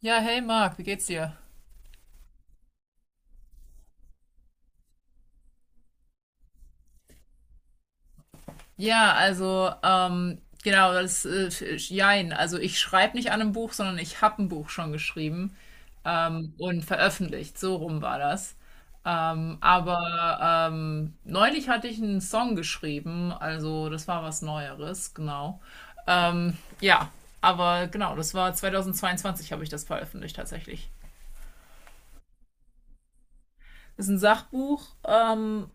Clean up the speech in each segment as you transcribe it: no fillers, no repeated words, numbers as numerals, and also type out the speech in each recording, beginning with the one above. Ja, hey Marc, wie geht's dir? Ja, also genau, das jein. Also ich schreibe nicht an einem Buch, sondern ich habe ein Buch schon geschrieben und veröffentlicht. So rum war das. Neulich hatte ich einen Song geschrieben, also das war was Neueres, genau. Ähm, ja, aber genau, das war 2022 habe ich das veröffentlicht tatsächlich. Ist ein Sachbuch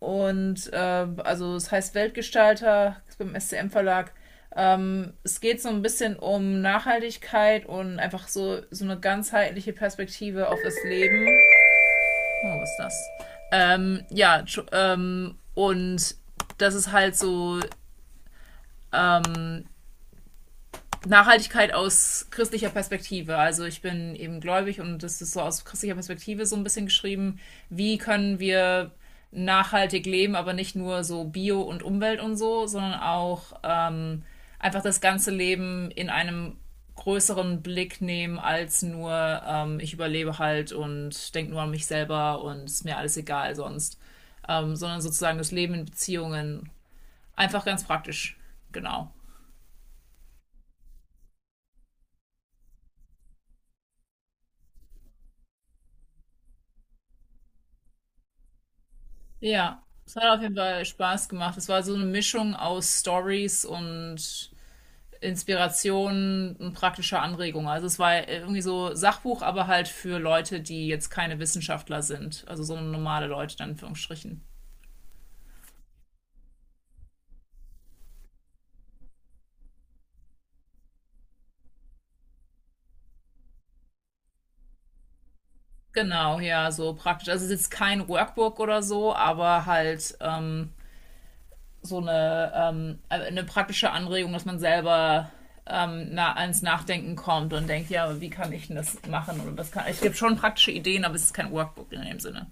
und äh, also es heißt Weltgestalter, ist beim SCM Verlag. Es geht so ein bisschen um Nachhaltigkeit und einfach so, so eine ganzheitliche Perspektive auf das Leben. Oh, was ist das? Ähm, ja, und das ist halt so, ähm, Nachhaltigkeit aus christlicher Perspektive. Also ich bin eben gläubig und das ist so aus christlicher Perspektive so ein bisschen geschrieben, wie können wir nachhaltig leben, aber nicht nur so Bio und Umwelt und so, sondern auch einfach das ganze Leben in einem größeren Blick nehmen als nur ich überlebe halt und denke nur an mich selber und ist mir alles egal sonst, sondern sozusagen das Leben in Beziehungen einfach ganz praktisch, genau. Ja, es hat auf jeden Fall Spaß gemacht. Es war so eine Mischung aus Stories und Inspiration und praktischer Anregung. Also es war irgendwie so Sachbuch, aber halt für Leute, die jetzt keine Wissenschaftler sind. Also so normale Leute dann in Anführungsstrichen. Genau, ja, so praktisch. Also es ist jetzt kein Workbook oder so, aber halt eine praktische Anregung, dass man selber, na, ans Nachdenken kommt und denkt, ja, wie kann ich denn das machen? Oder es gibt schon praktische Ideen, aber es ist kein Workbook in dem Sinne.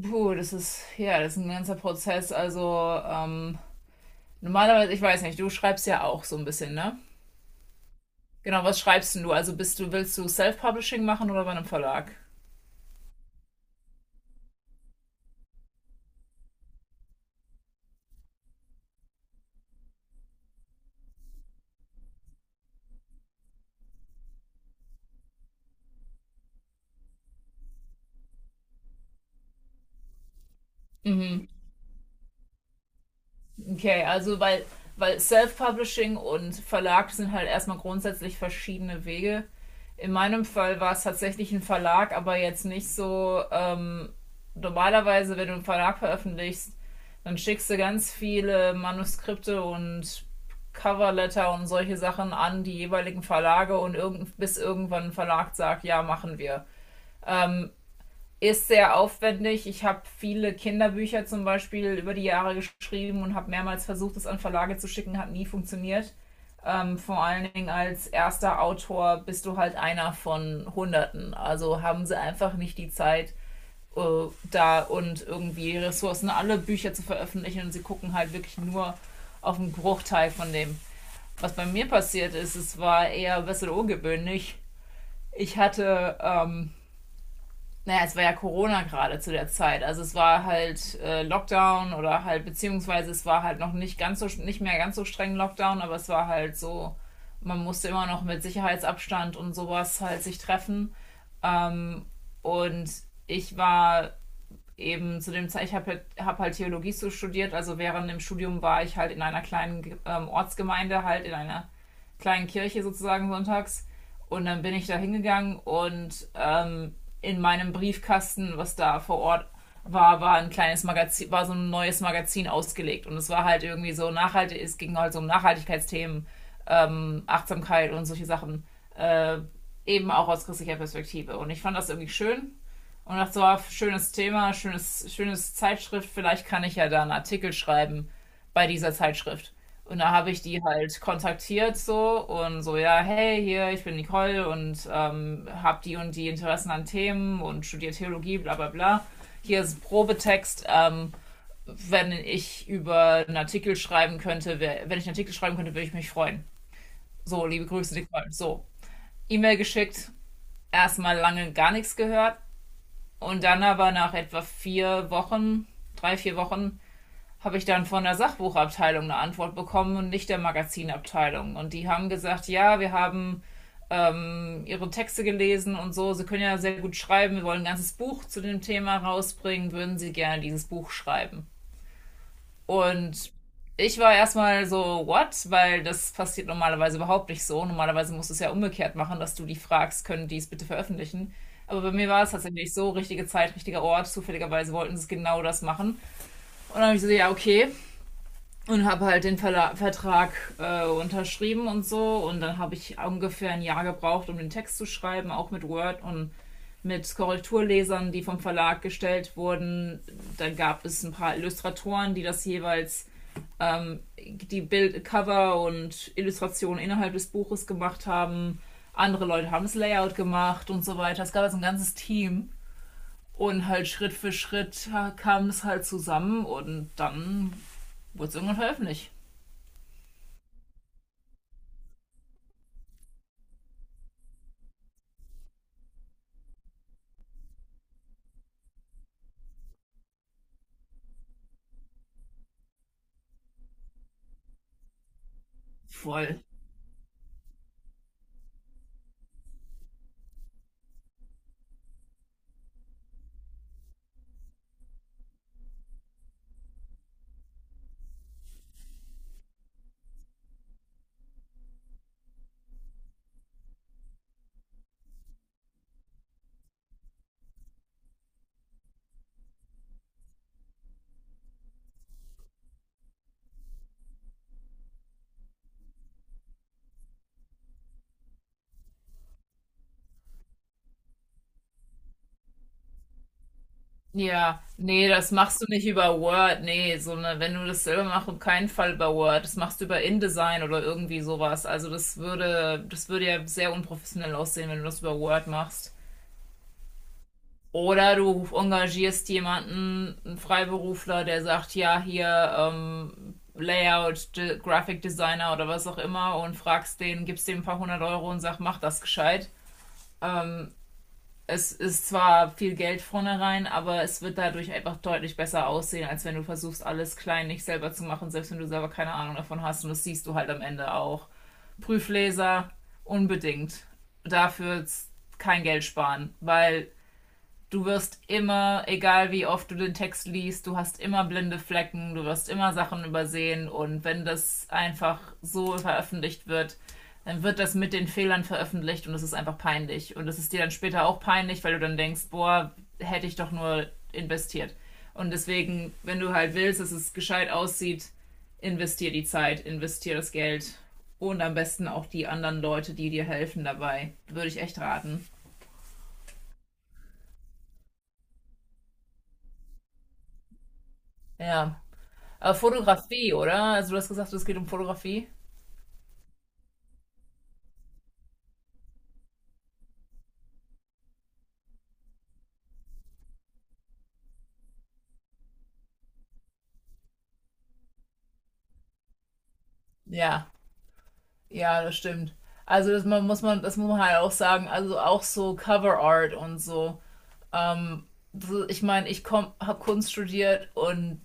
Puh, das ist, ja, das ist ein ganzer Prozess. Also normalerweise, ich weiß nicht, du schreibst ja auch so ein bisschen, ne? Genau, was schreibst denn du? Also willst du Self-Publishing machen oder bei einem Verlag? Okay, also weil Self-Publishing und Verlag sind halt erstmal grundsätzlich verschiedene Wege. In meinem Fall war es tatsächlich ein Verlag, aber jetzt nicht so. Normalerweise, wenn du einen Verlag veröffentlichst, dann schickst du ganz viele Manuskripte und Coverletter und solche Sachen an die jeweiligen Verlage und bis irgendwann ein Verlag sagt, ja, machen wir, ist sehr aufwendig. Ich habe viele Kinderbücher zum Beispiel über die Jahre geschrieben und habe mehrmals versucht, es an Verlage zu schicken, hat nie funktioniert. Vor allen Dingen als erster Autor bist du halt einer von Hunderten. Also haben sie einfach nicht die Zeit da und irgendwie Ressourcen, alle Bücher zu veröffentlichen. Und sie gucken halt wirklich nur auf einen Bruchteil von dem. Was bei mir passiert ist, es war eher ein bisschen ungewöhnlich. Ich hatte, naja, es war ja Corona gerade zu der Zeit. Also es war halt Lockdown oder halt, beziehungsweise es war halt noch nicht ganz so, nicht mehr ganz so streng Lockdown, aber es war halt so, man musste immer noch mit Sicherheitsabstand und sowas halt sich treffen. Und ich war eben zu dem Zeit, ich hab halt Theologie so studiert, also während dem Studium war ich halt in einer kleinen, Ortsgemeinde, halt in einer kleinen Kirche sozusagen sonntags. Und dann bin ich da hingegangen und in meinem Briefkasten, was da vor Ort war, war ein kleines Magazin, war so ein neues Magazin ausgelegt. Und es war halt irgendwie so nachhaltig, es ging halt so um Nachhaltigkeitsthemen, Achtsamkeit und solche Sachen, äh, eben auch aus christlicher Perspektive. Und ich fand das irgendwie schön und dachte so, ah, schönes Thema, schönes Zeitschrift, vielleicht kann ich ja da einen Artikel schreiben bei dieser Zeitschrift. Und da habe ich die halt kontaktiert so und so, ja, hey, hier, ich bin Nicole und habe die und die Interessen an Themen und studiere Theologie, bla bla bla. Hier ist ein Probetext. Wenn ich über einen Artikel schreiben könnte, wär, Wenn ich einen Artikel schreiben könnte, würde ich mich freuen. So, liebe Grüße, Nicole. So, E-Mail geschickt, erstmal lange gar nichts gehört. Und dann aber nach etwa 4 Wochen, 3, 4 Wochen, habe ich dann von der Sachbuchabteilung eine Antwort bekommen und nicht der Magazinabteilung. Und die haben gesagt, ja, wir haben, ihre Texte gelesen und so, sie können ja sehr gut schreiben, wir wollen ein ganzes Buch zu dem Thema rausbringen, würden sie gerne dieses Buch schreiben. Und ich war erstmal so, what? Weil das passiert normalerweise überhaupt nicht so. Normalerweise musst du es ja umgekehrt machen, dass du die fragst, können die es bitte veröffentlichen. Aber bei mir war es tatsächlich so, richtige Zeit, richtiger Ort. Zufälligerweise wollten sie genau das machen. Und dann habe ich so, ja, okay. Und habe halt den Verla Vertrag unterschrieben und so. Und dann habe ich ungefähr ein Jahr gebraucht, um den Text zu schreiben, auch mit Word und mit Korrekturlesern, die vom Verlag gestellt wurden. Dann gab es ein paar Illustratoren, die das jeweils die Bild Cover und Illustrationen innerhalb des Buches gemacht haben. Andere Leute haben das Layout gemacht und so weiter. Es gab also ein ganzes Team. Und halt Schritt für Schritt kam es halt zusammen und dann wurde es irgendwann veröffentlicht. Voll. Ja, nee, das machst du nicht über Word. Nee, wenn du das selber machst, auf keinen Fall über Word. Das machst du über InDesign oder irgendwie sowas. Also das würde ja sehr unprofessionell aussehen, wenn du das über Word machst. Oder du engagierst jemanden, einen Freiberufler, der sagt, ja, hier, Layout, De Graphic Designer oder was auch immer, und fragst den, gibst dem ein paar hundert Euro und sag, mach das gescheit. Es ist zwar viel Geld vornherein, aber es wird dadurch einfach deutlich besser aussehen, als wenn du versuchst, alles klein nicht selber zu machen, selbst wenn du selber keine Ahnung davon hast. Und das siehst du halt am Ende auch. Prüfleser, unbedingt. Dafür kein Geld sparen, weil du wirst immer, egal wie oft du den Text liest, du hast immer blinde Flecken, du wirst immer Sachen übersehen, und wenn das einfach so veröffentlicht wird, dann wird das mit den Fehlern veröffentlicht und es ist einfach peinlich. Und es ist dir dann später auch peinlich, weil du dann denkst, boah, hätte ich doch nur investiert. Und deswegen, wenn du halt willst, dass es gescheit aussieht, investier die Zeit, investier das Geld und am besten auch die anderen Leute, die dir helfen dabei. Würde ich echt raten. Ja, aber Fotografie, oder? Also du hast gesagt, es geht um Fotografie. Ja, ja, das stimmt. Also das muss man halt auch sagen. Also auch so Cover Art und so. So, ich meine, ich habe Kunst studiert und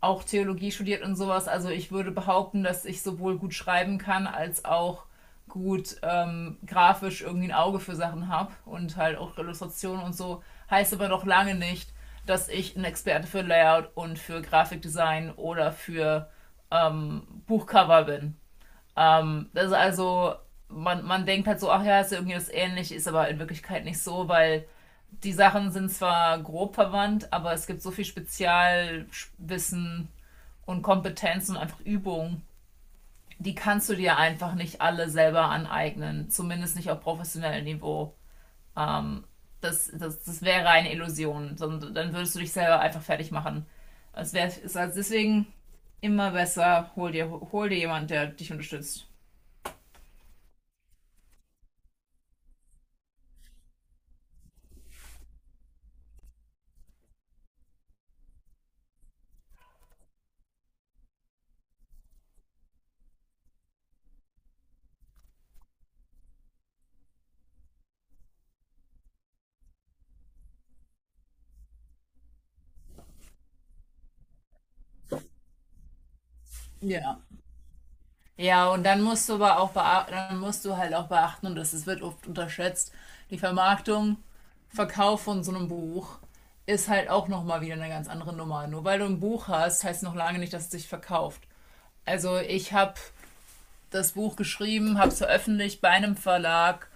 auch Theologie studiert und sowas. Also ich würde behaupten, dass ich sowohl gut schreiben kann als auch gut, grafisch irgendwie ein Auge für Sachen habe und halt auch Illustrationen und so. Heißt aber noch lange nicht, dass ich ein Experte für Layout und für Grafikdesign oder für Buchcover bin. Das ist also, man denkt halt so, ach ja, ist ja irgendwie das ähnlich, ist aber in Wirklichkeit nicht so, weil die Sachen sind zwar grob verwandt, aber es gibt so viel Spezialwissen und Kompetenzen und einfach Übungen. Die kannst du dir einfach nicht alle selber aneignen, zumindest nicht auf professionellem Niveau. Ähm, das wäre eine Illusion, sondern dann würdest du dich selber einfach fertig machen. Es wäre also deswegen immer besser, hol dir jemand, der dich unterstützt. Ja. Ja, und dann musst du aber auch bea- dann musst du halt auch beachten, und wird oft unterschätzt, die Vermarktung, Verkauf von so einem Buch ist halt auch nochmal wieder eine ganz andere Nummer. Nur weil du ein Buch hast, heißt noch lange nicht, dass es sich verkauft. Also ich habe das Buch geschrieben, habe es veröffentlicht bei einem Verlag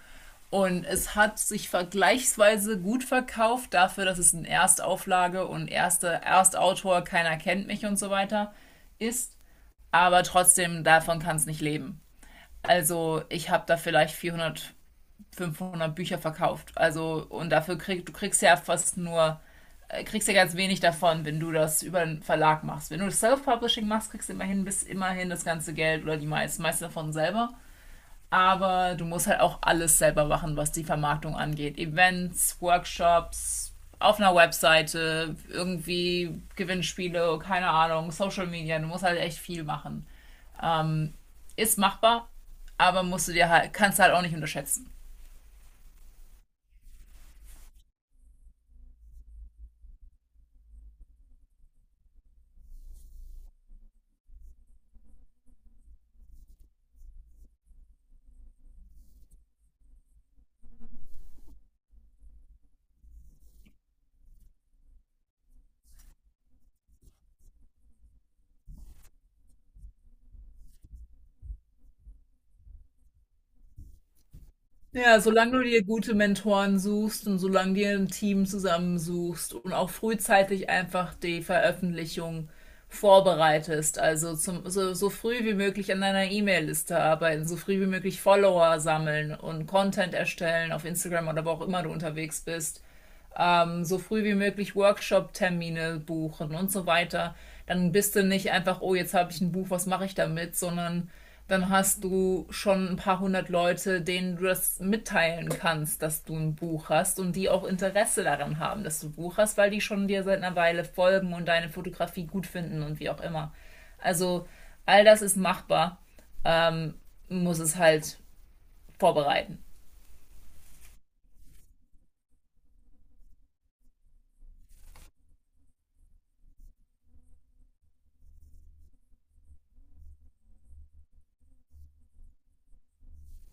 und es hat sich vergleichsweise gut verkauft dafür, dass es eine Erstauflage und erste Erstautor, keiner kennt mich und so weiter, ist. Aber trotzdem, davon kann es nicht leben. Also ich habe da vielleicht 400, 500 Bücher verkauft. Also und dafür kriegst ja fast nur, kriegst ja ganz wenig davon, wenn du das über einen Verlag machst. Wenn du das Self-Publishing machst, kriegst du immerhin, bis immerhin das ganze Geld oder meiste davon selber. Aber du musst halt auch alles selber machen, was die Vermarktung angeht. Events, Workshops, auf einer Webseite, irgendwie Gewinnspiele, keine Ahnung, Social Media. Du musst halt echt viel machen, ist machbar, aber musst du dir halt, kannst du halt auch nicht unterschätzen. Ja, solange du dir gute Mentoren suchst und solange dir ein Team zusammensuchst und auch frühzeitig einfach die Veröffentlichung vorbereitest, also so früh wie möglich an deiner E-Mail-Liste arbeiten, so früh wie möglich Follower sammeln und Content erstellen auf Instagram oder wo auch immer du unterwegs bist, so früh wie möglich Workshop-Termine buchen und so weiter. Dann bist du nicht einfach, oh, jetzt habe ich ein Buch, was mache ich damit, sondern dann hast du schon ein paar hundert Leute, denen du das mitteilen kannst, dass du ein Buch hast und die auch Interesse daran haben, dass du ein Buch hast, weil die schon dir seit einer Weile folgen und deine Fotografie gut finden und wie auch immer. Also all das ist machbar, ähm, muss es halt vorbereiten.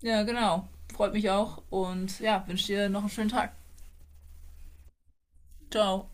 Ja, genau. Freut mich auch und ja, wünsche dir noch einen schönen Tag. Ciao.